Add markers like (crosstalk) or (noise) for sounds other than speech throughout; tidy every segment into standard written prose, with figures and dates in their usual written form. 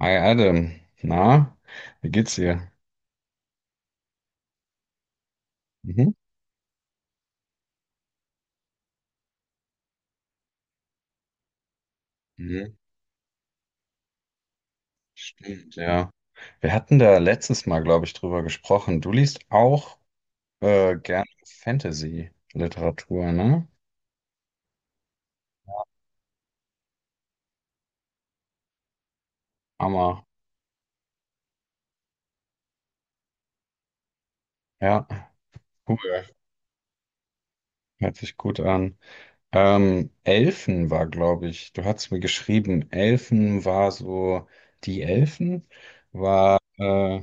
Hi Adam, na, wie geht's dir? Mhm. Mhm. Stimmt, ja, wir hatten da letztes Mal, glaube ich, drüber gesprochen. Du liest auch gerne Fantasy-Literatur, ne? Hammer. Ja, cool. Hört sich gut an. Elfen war, glaube ich, du hast mir geschrieben, Elfen war so, die Elfen war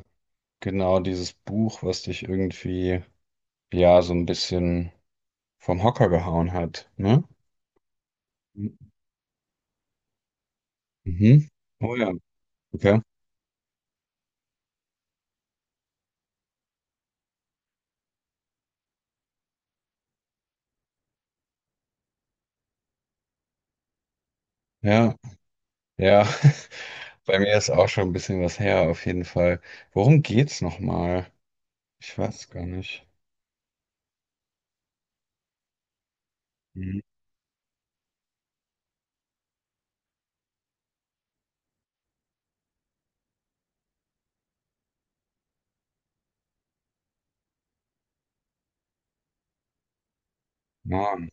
genau dieses Buch, was dich irgendwie, ja, so ein bisschen vom Hocker gehauen hat, ne? Mhm. Oh ja, okay. Ja, ja. (laughs) Bei mir ist auch schon ein bisschen was her, auf jeden Fall. Worum geht's nochmal? Ich weiß gar nicht. Mhm. Mann.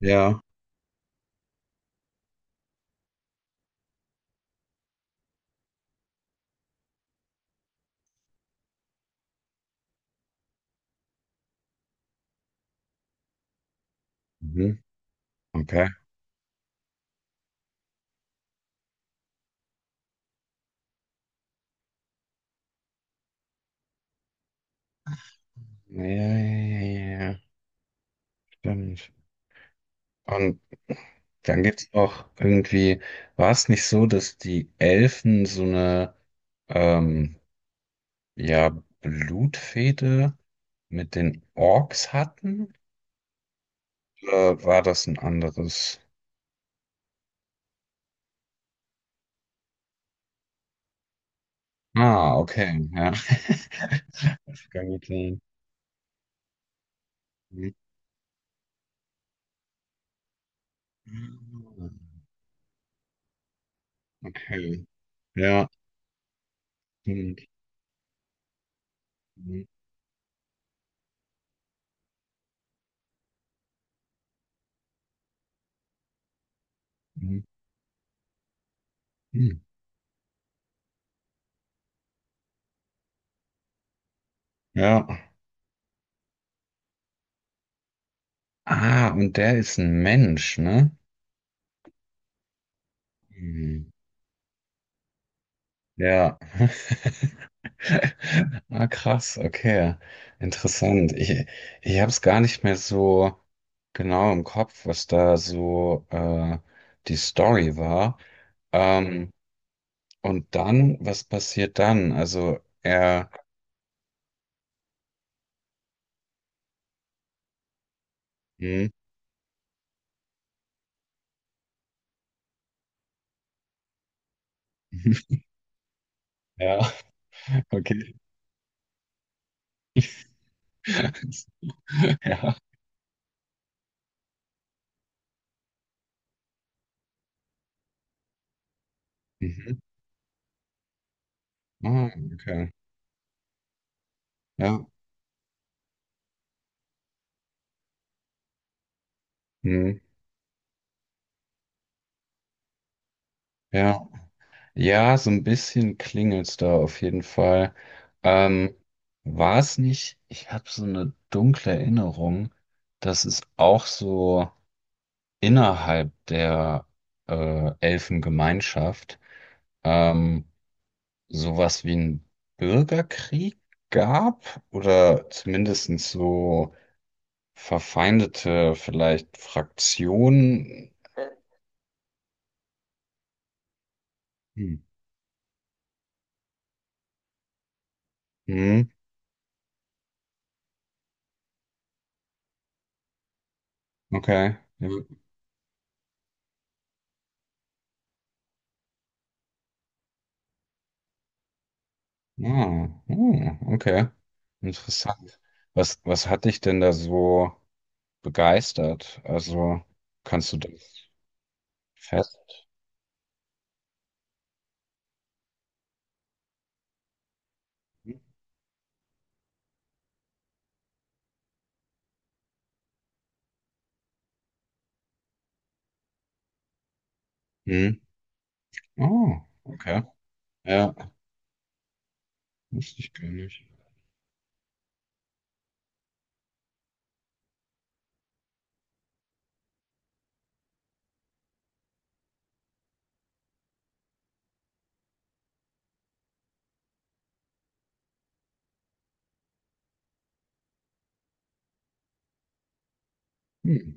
Ja. Mhm. Okay. Ja, ja, ja, ja, ja. Stimmt. Und dann gibt's auch irgendwie, war es nicht so, dass die Elfen so eine, ähm, ja, Blutfehde mit den Orks hatten? Oder war das ein anderes? Ah, okay, ja. (laughs) Das kann gut sein. Mhm. Okay, ja. Stimmt. Mhm. Mhm. Mhm. Ja. Ah, und der ist ein Mensch, ne? Mhm. Ja. (laughs) Ah, krass, okay. Interessant. Ich habe es gar nicht mehr so genau im Kopf, was da so die Story war. Ähm, und dann, was passiert dann? Also, er. Mhm. (laughs) Ja. Okay. (laughs) Ja. Mhm. Ah, okay. Ja. Mhm. Ja. Ja, so ein bisschen klingelt's da auf jeden Fall. Ähm, war es nicht, ich habe so eine dunkle Erinnerung, dass es auch so innerhalb der Elfengemeinschaft ähm, sowas wie einen Bürgerkrieg gab oder zumindest so verfeindete vielleicht Fraktionen. Hm. Hm. Okay. Ja. Ah, hm, okay. Interessant. Was hat dich denn da so begeistert? Also, kannst du das fest? Hm. Hm. Oh, okay. Ja, wusste ich gar nicht. Hm.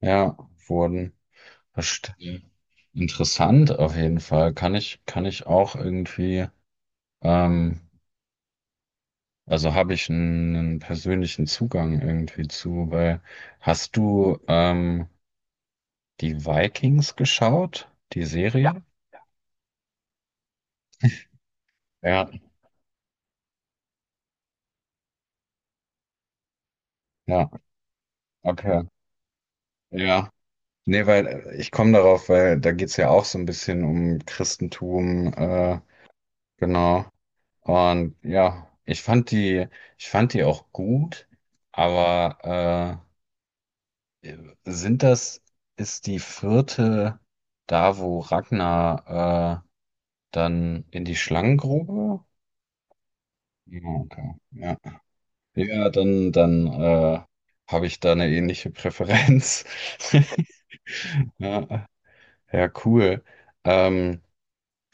Ja, wurden. Verstehe. Interessant auf jeden Fall. Kann ich auch irgendwie, ähm, also habe ich einen persönlichen Zugang irgendwie zu, weil hast du, die Vikings geschaut? Die ja, Serie? Ja, ja, okay. Ja. Nee, weil ich komme darauf, weil da geht's ja auch so ein bisschen um Christentum, genau. Und ja, ich fand die auch gut, aber äh, sind das, ist die vierte da, wo Ragnar dann in die Schlangengrube? Ja, okay. Ja. Ja, dann habe ich da eine ähnliche Präferenz. (laughs) Ja, ja, cool. Ähm,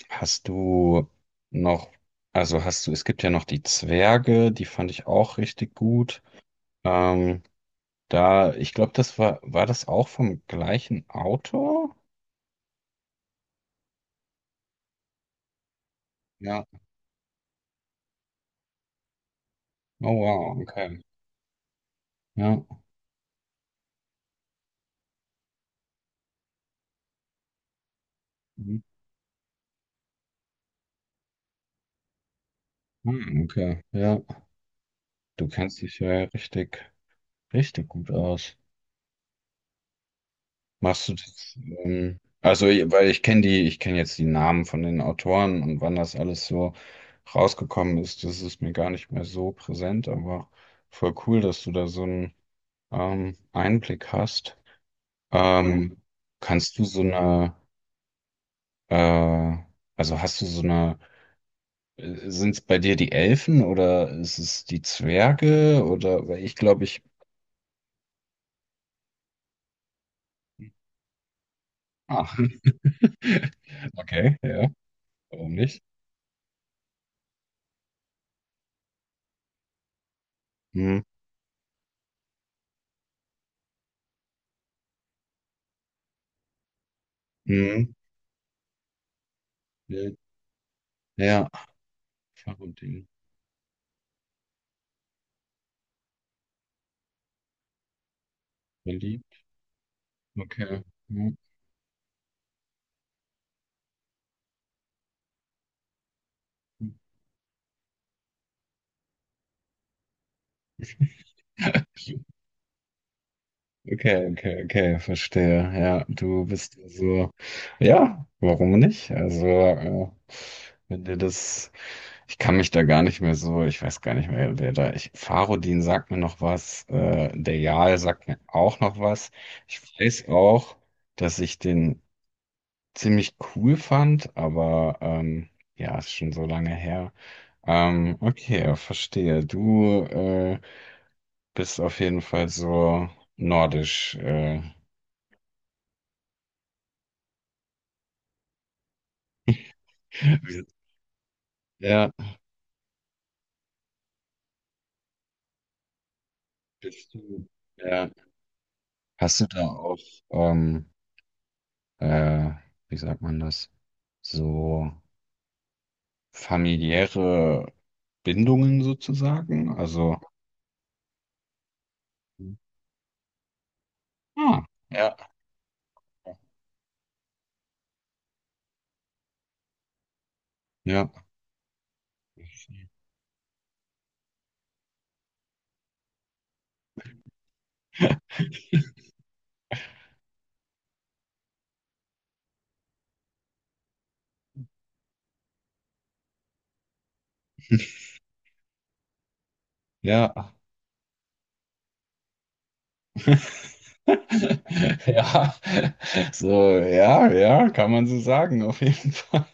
hast du noch, also hast du, es gibt ja noch die Zwerge, die fand ich auch richtig gut. Ähm, da, ich glaube, das war, war das auch vom gleichen Autor? Ja. Oh wow, okay. Ja. Mhm. Hm, okay, ja. Du kennst dich ja richtig gut aus. Machst du das? Also, weil ich kenne die, ich kenne jetzt die Namen von den Autoren und wann das alles so rausgekommen ist, das ist mir gar nicht mehr so präsent, aber voll cool, dass du da so einen Einblick hast. Ähm, kannst du so eine, äh, also hast du so eine, sind es bei dir die Elfen oder ist es die Zwerge oder, weil ich glaube, ich, ah, (laughs) okay, ja, warum nicht? Hm, hm, ja. Fahrrading. Verliebt. Okay. (laughs) Hm. Okay, okay, okay, verstehe. Ja, du bist ja so. Ja, warum nicht? Also, wenn dir das. Ich kann mich da gar nicht mehr so. Ich weiß gar nicht mehr, wer da. Ich, Farodin sagt mir noch was. Der Jarl sagt mir auch noch was. Ich weiß auch, dass ich den ziemlich cool fand, aber ja, ist schon so lange her. Okay, verstehe. Du. Bist auf jeden Fall so nordisch. Wie- Ja, bist du. Ja. Hast du da auch, ähm, äh, wie sagt man das? So familiäre Bindungen sozusagen? Also. Ah, ja, ja. Ja. (laughs) Ja, so, ja, ja, kann man so sagen, auf jeden Fall.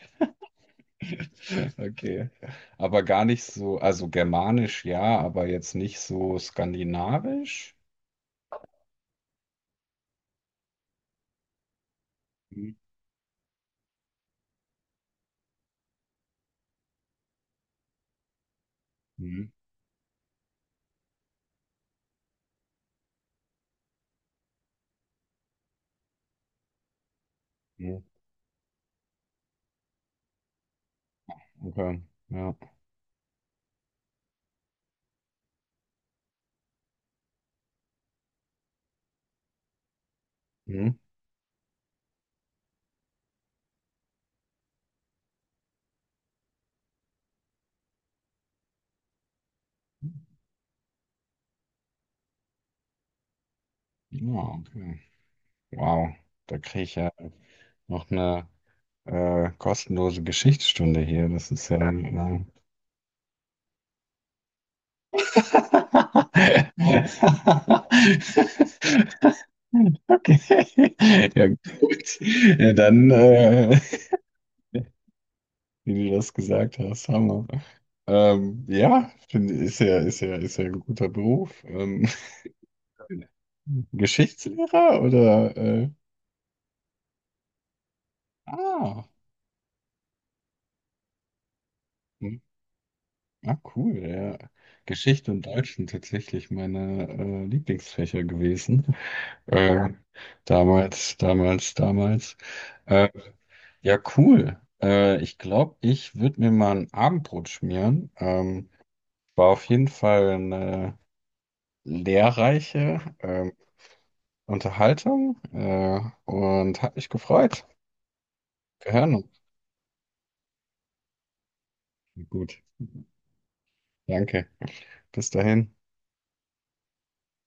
(laughs) Okay. Aber gar nicht so, also germanisch ja, aber jetzt nicht so skandinavisch? Hm, hm, hm. Okay, ja. Hm? Ja, okay. Wow, da kriege ich ja noch eine kostenlose Geschichtsstunde hier. Das ist ja. (laughs) Okay. Ja, gut. Ja, dann, (laughs) wie du das gesagt hast, Hammer. Ja, finde ist ja ein guter Beruf. (laughs) Geschichtslehrer oder ah, hm, ah, cool, ja. Geschichte und Deutsch sind tatsächlich meine Lieblingsfächer gewesen. Äh, damals. Äh, ja, cool. Ich glaube, ich würde mir mal ein Abendbrot schmieren. War auf jeden Fall eine lehrreiche, Unterhaltung, und hat mich gefreut. Wir hören uns. Gut, danke. Bis dahin.